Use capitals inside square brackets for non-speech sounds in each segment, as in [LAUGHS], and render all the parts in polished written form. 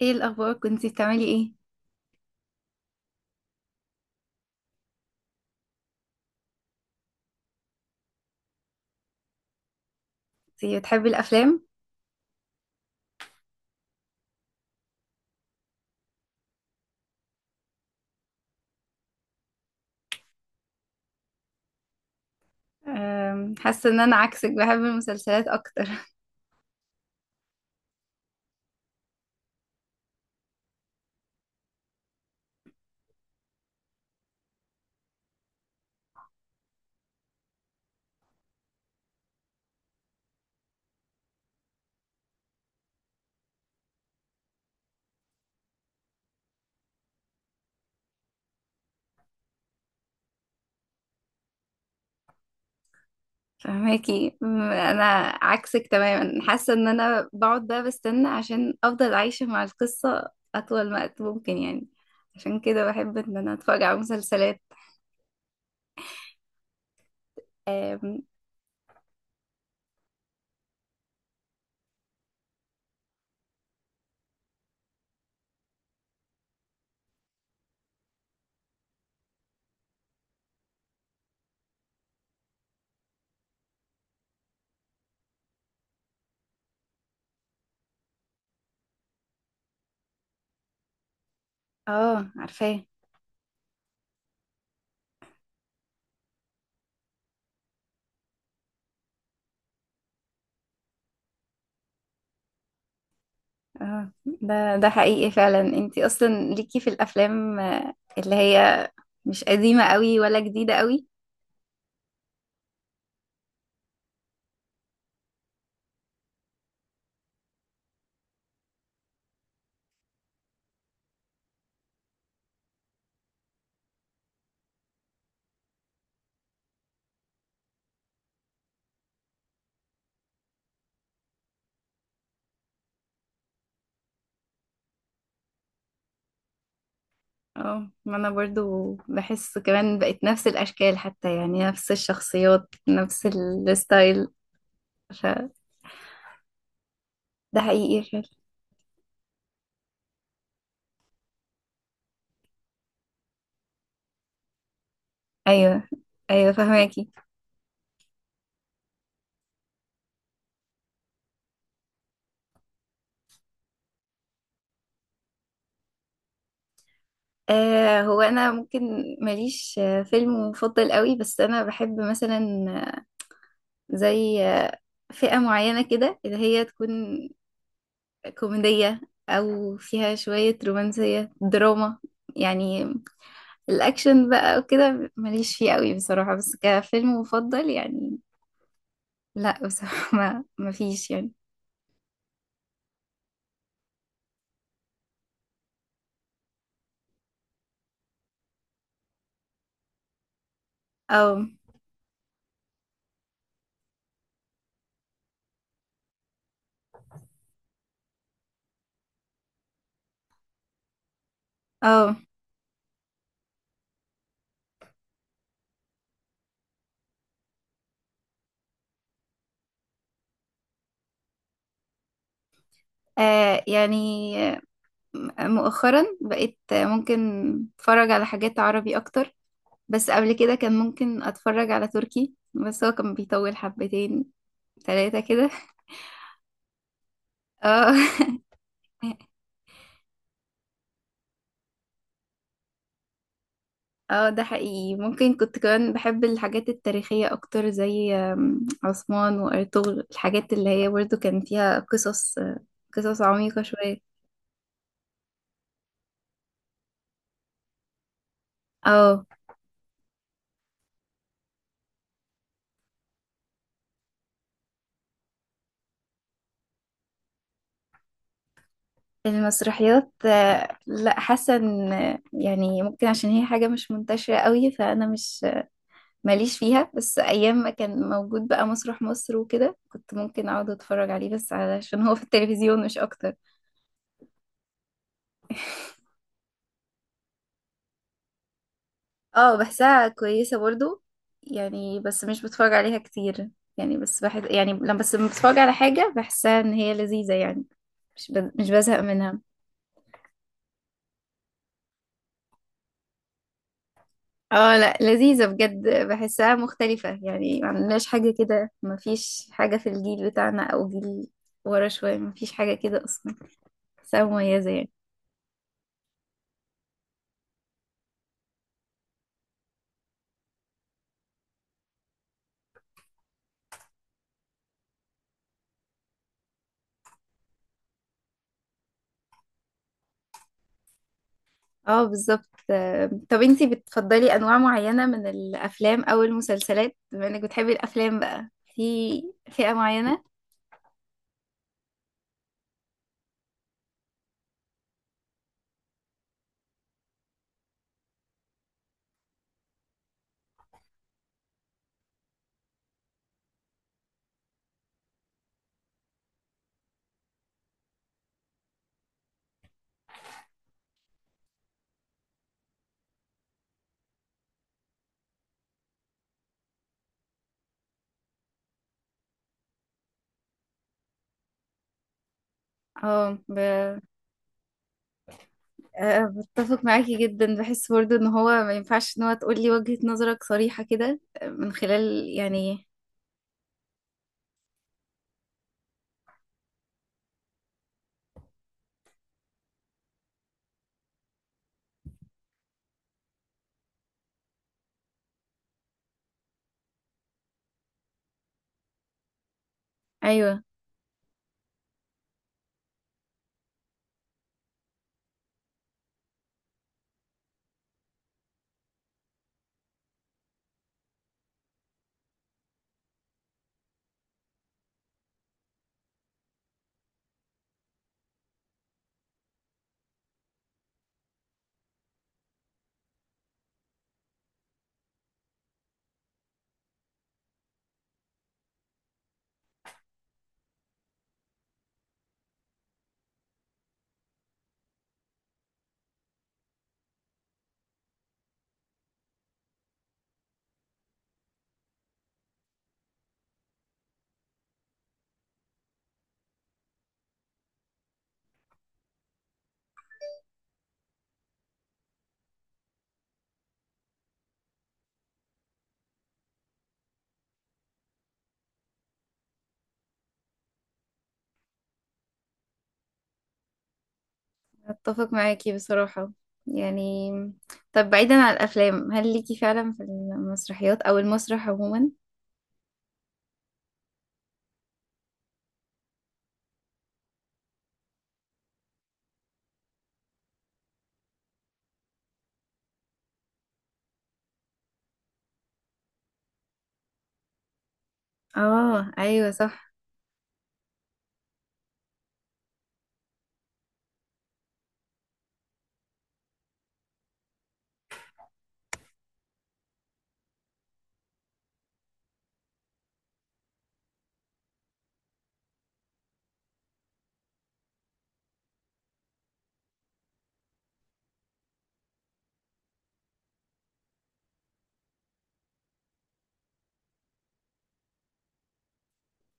ايه الاخبار؟ كنتي بتعملي ايه؟ انتي بتحبي الافلام؟ حاسه ان انا عكسك، بحب المسلسلات اكتر. [LAUGHS] فهماكي. انا عكسك تماما، حاسه ان انا بقعد بقى بستنى عشان افضل عايشه مع القصه اطول وقت ممكن يعني. عشان كده بحب ان انا اتفرج على مسلسلات. أم، اه، عارفاه. اه، ده حقيقي فعلا، انتي اصلا ليكي في الافلام اللي هي مش قديمه قوي ولا جديده قوي. اه، ما انا برضو بحس كمان بقت نفس الاشكال، حتى يعني نفس الشخصيات، نفس الستايل، ف ده حقيقي فعلا. ايوه، ايوه فهماكي. آه، هو انا ممكن ماليش فيلم مفضل قوي، بس انا بحب مثلا آه، زي فئة معينة كده، اللي هي تكون كوميدية او فيها شوية رومانسية دراما يعني. الاكشن بقى وكده ماليش فيه قوي بصراحة، بس كفيلم مفضل يعني لا بصراحة [LAUGHS] ما فيش يعني. او، او، آه يعني مؤخرا بقيت ممكن اتفرج على حاجات عربي اكتر، بس قبل كده كان ممكن اتفرج على تركي، بس هو كان بيطول حبتين ثلاثة كده. اه. [LAUGHS] اه، ده حقيقي، ممكن كنت كمان بحب الحاجات التاريخية أكتر زي عثمان وأرطغرل، الحاجات اللي هي برضه كان فيها قصص عميقة شوية. اه. المسرحيات لا، حاسه ان يعني ممكن عشان هي حاجه مش منتشره قوي، فانا مش ماليش فيها، بس ايام ما كان موجود بقى مسرح مصر وكده كنت ممكن اقعد اتفرج عليه، بس علشان هو في التلفزيون مش اكتر. اه، بحسها كويسه برضو يعني، بس مش بتفرج عليها كتير يعني، بس بحس يعني لما لما بتفرج على حاجه بحسها ان هي لذيذه يعني، مش بزهق منها. اه لا، لذيذة بجد، بحسها مختلفة يعني، ما عندناش حاجة كده، ما فيش حاجة في الجيل بتاعنا او جيل ورا شوية، ما فيش حاجة كده اصلا، بحسها مميزة يعني. اه بالظبط. طب انتي بتفضلي انواع معينة من الافلام او المسلسلات، بما انك بتحبي الافلام بقى، في فئة معينة؟ اه ب... بتفق معاكي جدا، بحس برضو ان هو ما ينفعش ان هو تقولي وجهة نظرك صريحة كده من خلال يعني. ايوه، اتفق معاكي بصراحة يعني. طب بعيدا عن الافلام، هل ليكي فعلا في المسرحيات او المسرح عموما؟ اه ايوه صح.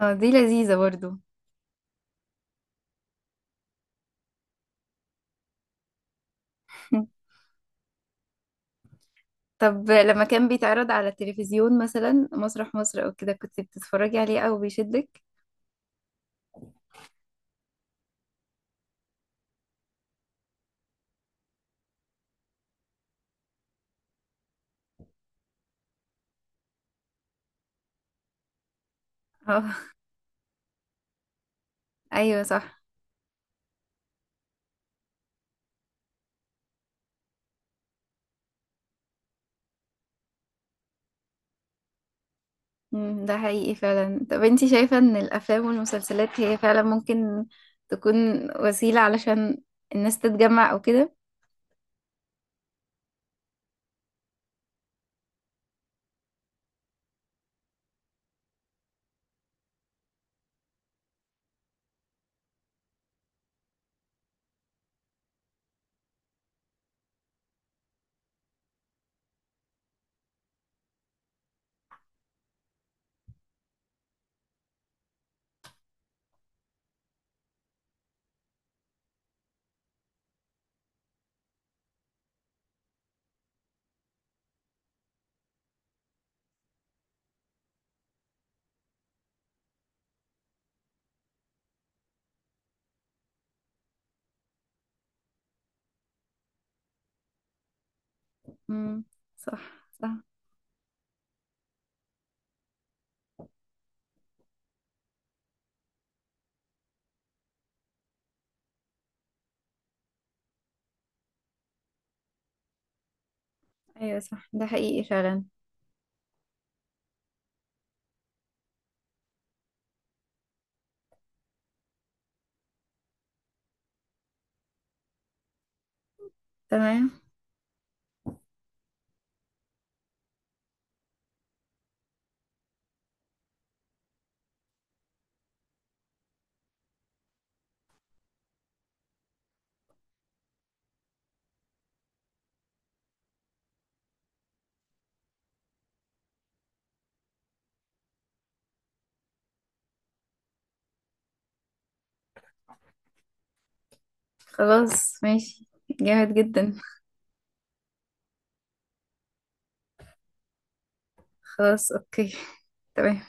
اه دي لذيذة برضو. [LAUGHS] طب لما كان بيتعرض على التلفزيون مثلا مسرح مصر او كده، كنت بتتفرجي عليه او بيشدك؟ [LAUGHS] اه ايوه صح. ده حقيقي فعلا. طب انتي شايفة ان الافلام والمسلسلات هي فعلا ممكن تكون وسيلة علشان الناس تتجمع او كده؟ امم، صح. صح. ايوه صح، ده حقيقي فعلا. تمام. خلاص ماشي، جامد جدا. خلاص، اوكي. تمام.